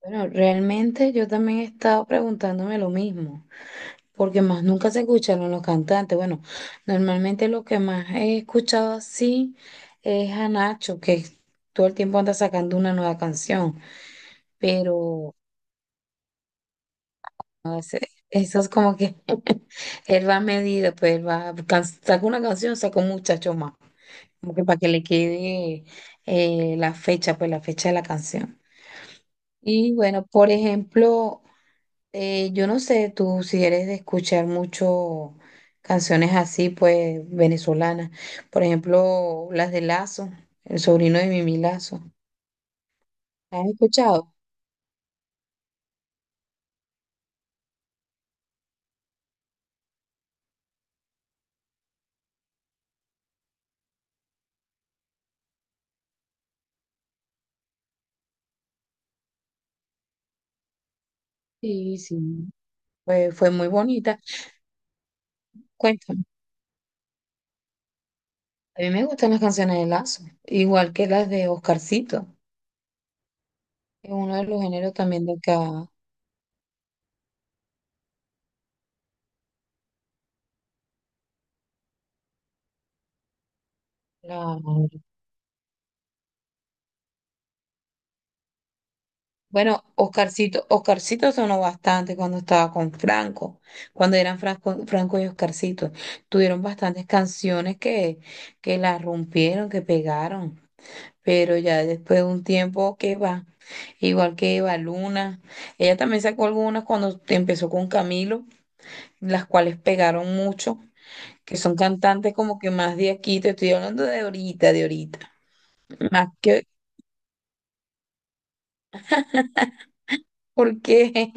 Bueno, realmente yo también he estado preguntándome lo mismo, porque más nunca se escucharon los cantantes. Bueno, normalmente lo que más he escuchado así es a Nacho, que todo el tiempo anda sacando una nueva canción, pero eso es como que él va a medida, pues él va, can- saca una canción, saca un muchacho más, como que para que le quede la fecha, pues la fecha de la canción. Y bueno, por ejemplo, yo no sé, tú si eres de escuchar mucho canciones así, pues venezolanas. Por ejemplo, las de Lazo, el sobrino de Mimi Lazo. ¿Las has escuchado? Sí, sí. Pues fue muy bonita. Cuéntame, a mí me gustan las canciones de Lazo, igual que las de Oscarcito, que es uno de los géneros también de acá, la- Bueno, Oscarcito, Oscarcito sonó bastante cuando estaba con Franco, cuando eran Franco, Franco y Oscarcito. Tuvieron bastantes canciones que la rompieron, que pegaron, pero ya después de un tiempo que va, igual que Eva Luna, ella también sacó algunas cuando empezó con Camilo, las cuales pegaron mucho, que son cantantes como que más de aquí, te estoy hablando de ahorita, más que, ¿por qué?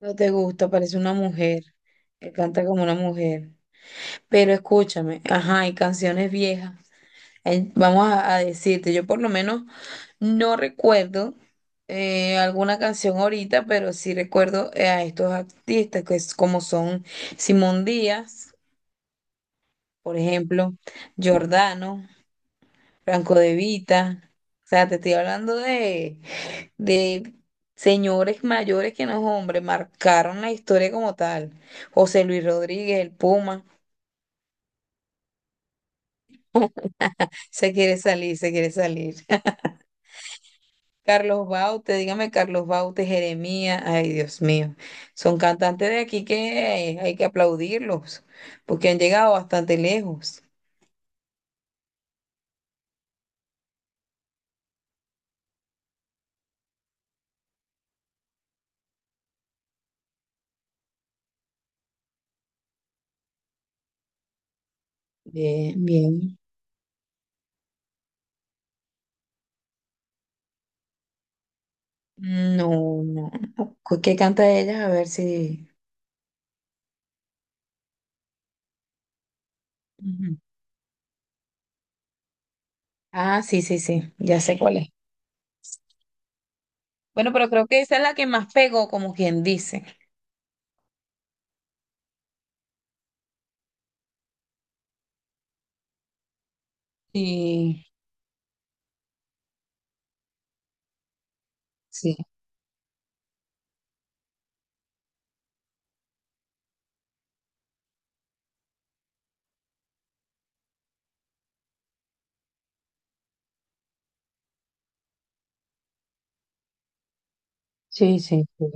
No te gusta, parece una mujer. Él canta como una mujer. Pero escúchame, ajá, hay canciones viejas. Hay- vamos a decirte, yo por lo menos no recuerdo alguna canción ahorita, pero sí recuerdo a estos artistas que es como son Simón Díaz, por ejemplo, Jordano, Franco De Vita. O sea, te estoy hablando de señores mayores que no hombres, marcaron la historia como tal. José Luis Rodríguez, el Puma, se quiere salir, se quiere salir. Carlos Baute, dígame Carlos Baute, Jeremías, ay Dios mío, son cantantes de aquí que hay que aplaudirlos, porque han llegado bastante lejos. Bien, bien. No, no, no. ¿Cu- ¿Qué canta ella? A ver si... Ujú. Ah, sí, sí, sí, ya sé cuál es. Bueno, pero creo que esa es la que más pegó, como quien dice. Sí, sí, sí, sí, sí,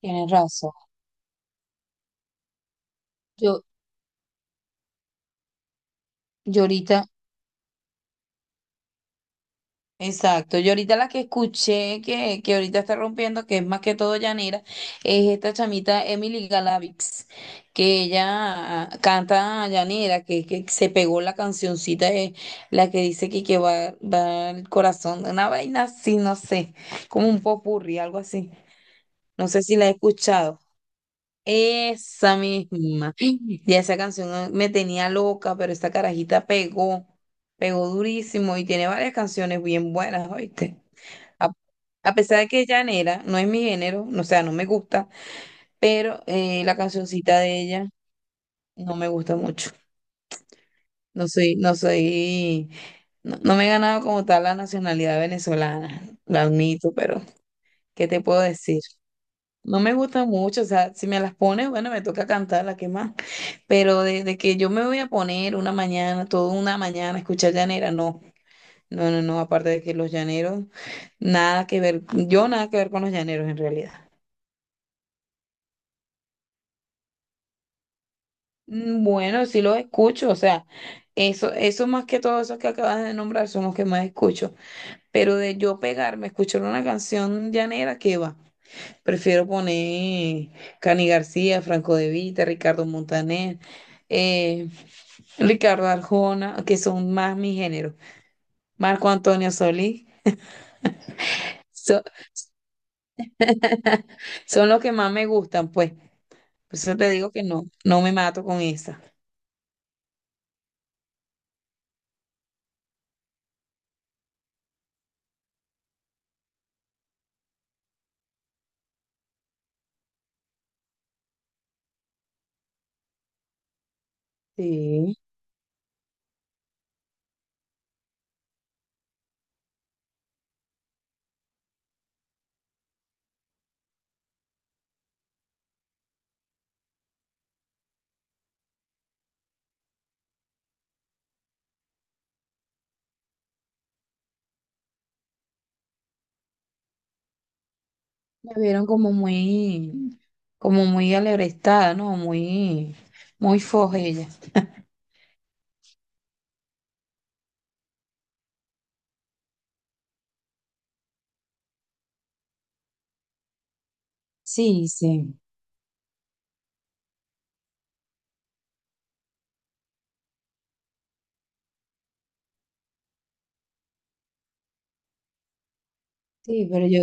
tienes razón. Yo, yo ahorita, exacto, yo ahorita la que escuché que ahorita está rompiendo, que es más que todo llanera, es esta chamita Emily Galavix, que ella canta llanera, que se pegó la cancioncita, de, la que dice que va, va el corazón, una vaina así, no sé, como un popurrí, algo así. No sé si la he escuchado. Esa misma. Ya esa canción ah, me tenía loca, pero esta carajita pegó, pegó durísimo y tiene varias canciones bien buenas, ¿oíste? A, a pesar de que es llanera, no es mi género, no- o sea, no me gusta, pero la cancioncita de ella no me gusta mucho. No soy, no soy, no, no me he ganado como tal la nacionalidad venezolana, la admito, pero ¿qué te puedo decir? No me gusta mucho, o sea, si me las pones, bueno, me toca cantarla, ¿qué más? Pero desde que yo me voy a poner una mañana, toda una mañana, a escuchar llanera, no. No, no, no, aparte de que los llaneros, nada que ver, yo nada que ver con los llaneros en realidad. Mm, bueno, sí los escucho, o sea, eso más que todo, esos que acabas de nombrar son los que más escucho. Pero de yo pegarme, escuchar una canción llanera, ¿qué va? Prefiero poner Cani García, Franco De Vita, Ricardo Montaner, eh, Ricardo Arjona, que son más mi género. Marco Antonio Solís. So- son los que más me gustan, pues. Por eso te digo que no, no me mato con esa. Sí, me vieron como muy alebrestada, ¿no? Muy, muy foja ella. Sí, sí. Sí, pero yo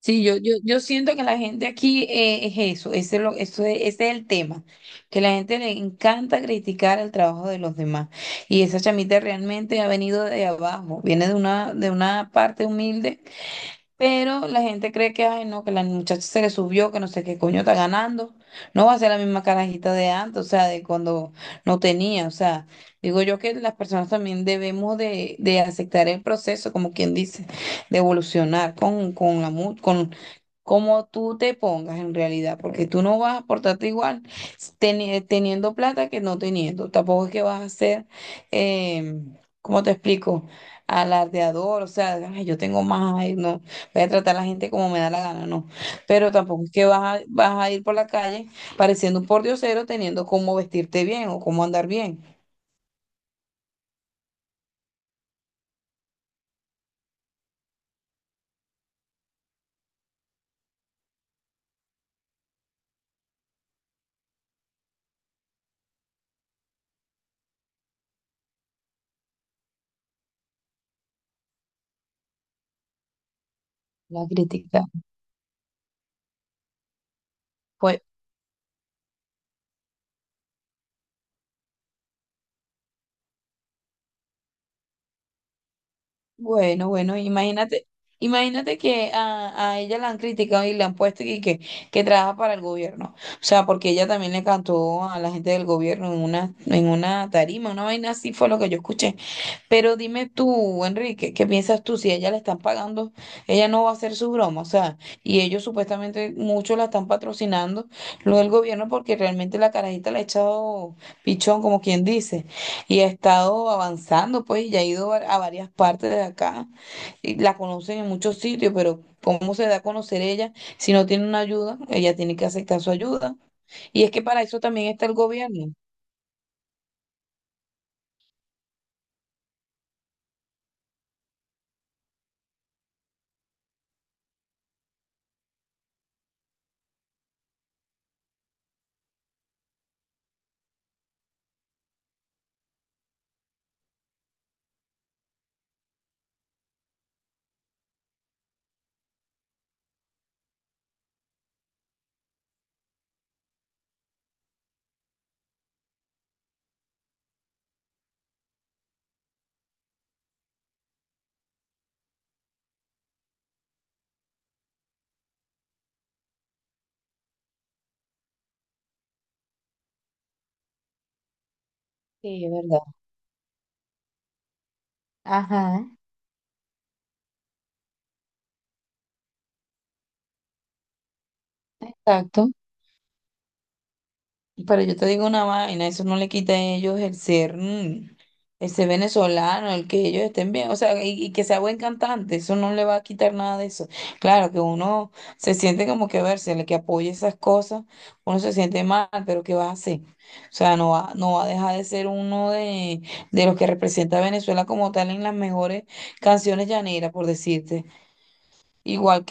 sí, yo siento que la gente aquí es eso, ese es, lo, eso es, ese es el tema, que la gente le encanta criticar el trabajo de los demás. Y esa chamita realmente ha venido de abajo, viene de una parte humilde, pero la gente cree que, ay, no, que la muchacha se le subió, que no sé qué coño está ganando, no va a ser la misma carajita de antes, o sea, de cuando no tenía, o sea, digo yo que las personas también debemos de aceptar el proceso, como quien dice, de evolucionar con la... mu- con como tú te pongas en realidad, porque tú no vas a portarte igual teni- teniendo plata que no teniendo. Tampoco es que vas a ser, eh, ¿cómo te explico? Alardeador, o sea, "Ay, yo tengo más, ay, no, voy a tratar a la gente como me da la gana, no. Pero tampoco es que vas a, vas a ir por la calle pareciendo un pordiosero teniendo cómo vestirte bien o cómo andar bien. La crítica. Pues. Bueno, bueno, imagínate, imagínate que a ella la han criticado y le han puesto y que trabaja para el gobierno. O sea, porque ella también le cantó a la gente del gobierno en una tarima, una vaina así fue lo que yo escuché. Pero dime tú, Enrique, ¿qué piensas tú? Si a ella le están pagando, ella no va a hacer su broma, o sea, y ellos supuestamente muchos la están patrocinando, lo del gobierno, porque realmente la carajita le ha echado pichón, como quien dice, y ha estado avanzando, pues, y ha ido a varias partes de acá, y la conocen en muchos sitios, pero ¿cómo se da a conocer ella si no tiene una ayuda? Ella tiene que aceptar su ayuda, y es que para eso también está el gobierno. Sí, es verdad. Ajá. Exacto. Pero yo te digo una vaina, eso no le quita a ellos el ser, mm, el ser venezolano, el que ellos estén bien, o sea, y que sea buen cantante, eso no le va a quitar nada de eso. Claro que uno se siente como que a ver, si el que apoya esas cosas, uno se siente mal, pero ¿qué va a hacer? O sea, no va, no va a dejar de ser uno de los que representa a Venezuela como tal en las mejores canciones llaneras, por decirte. Igual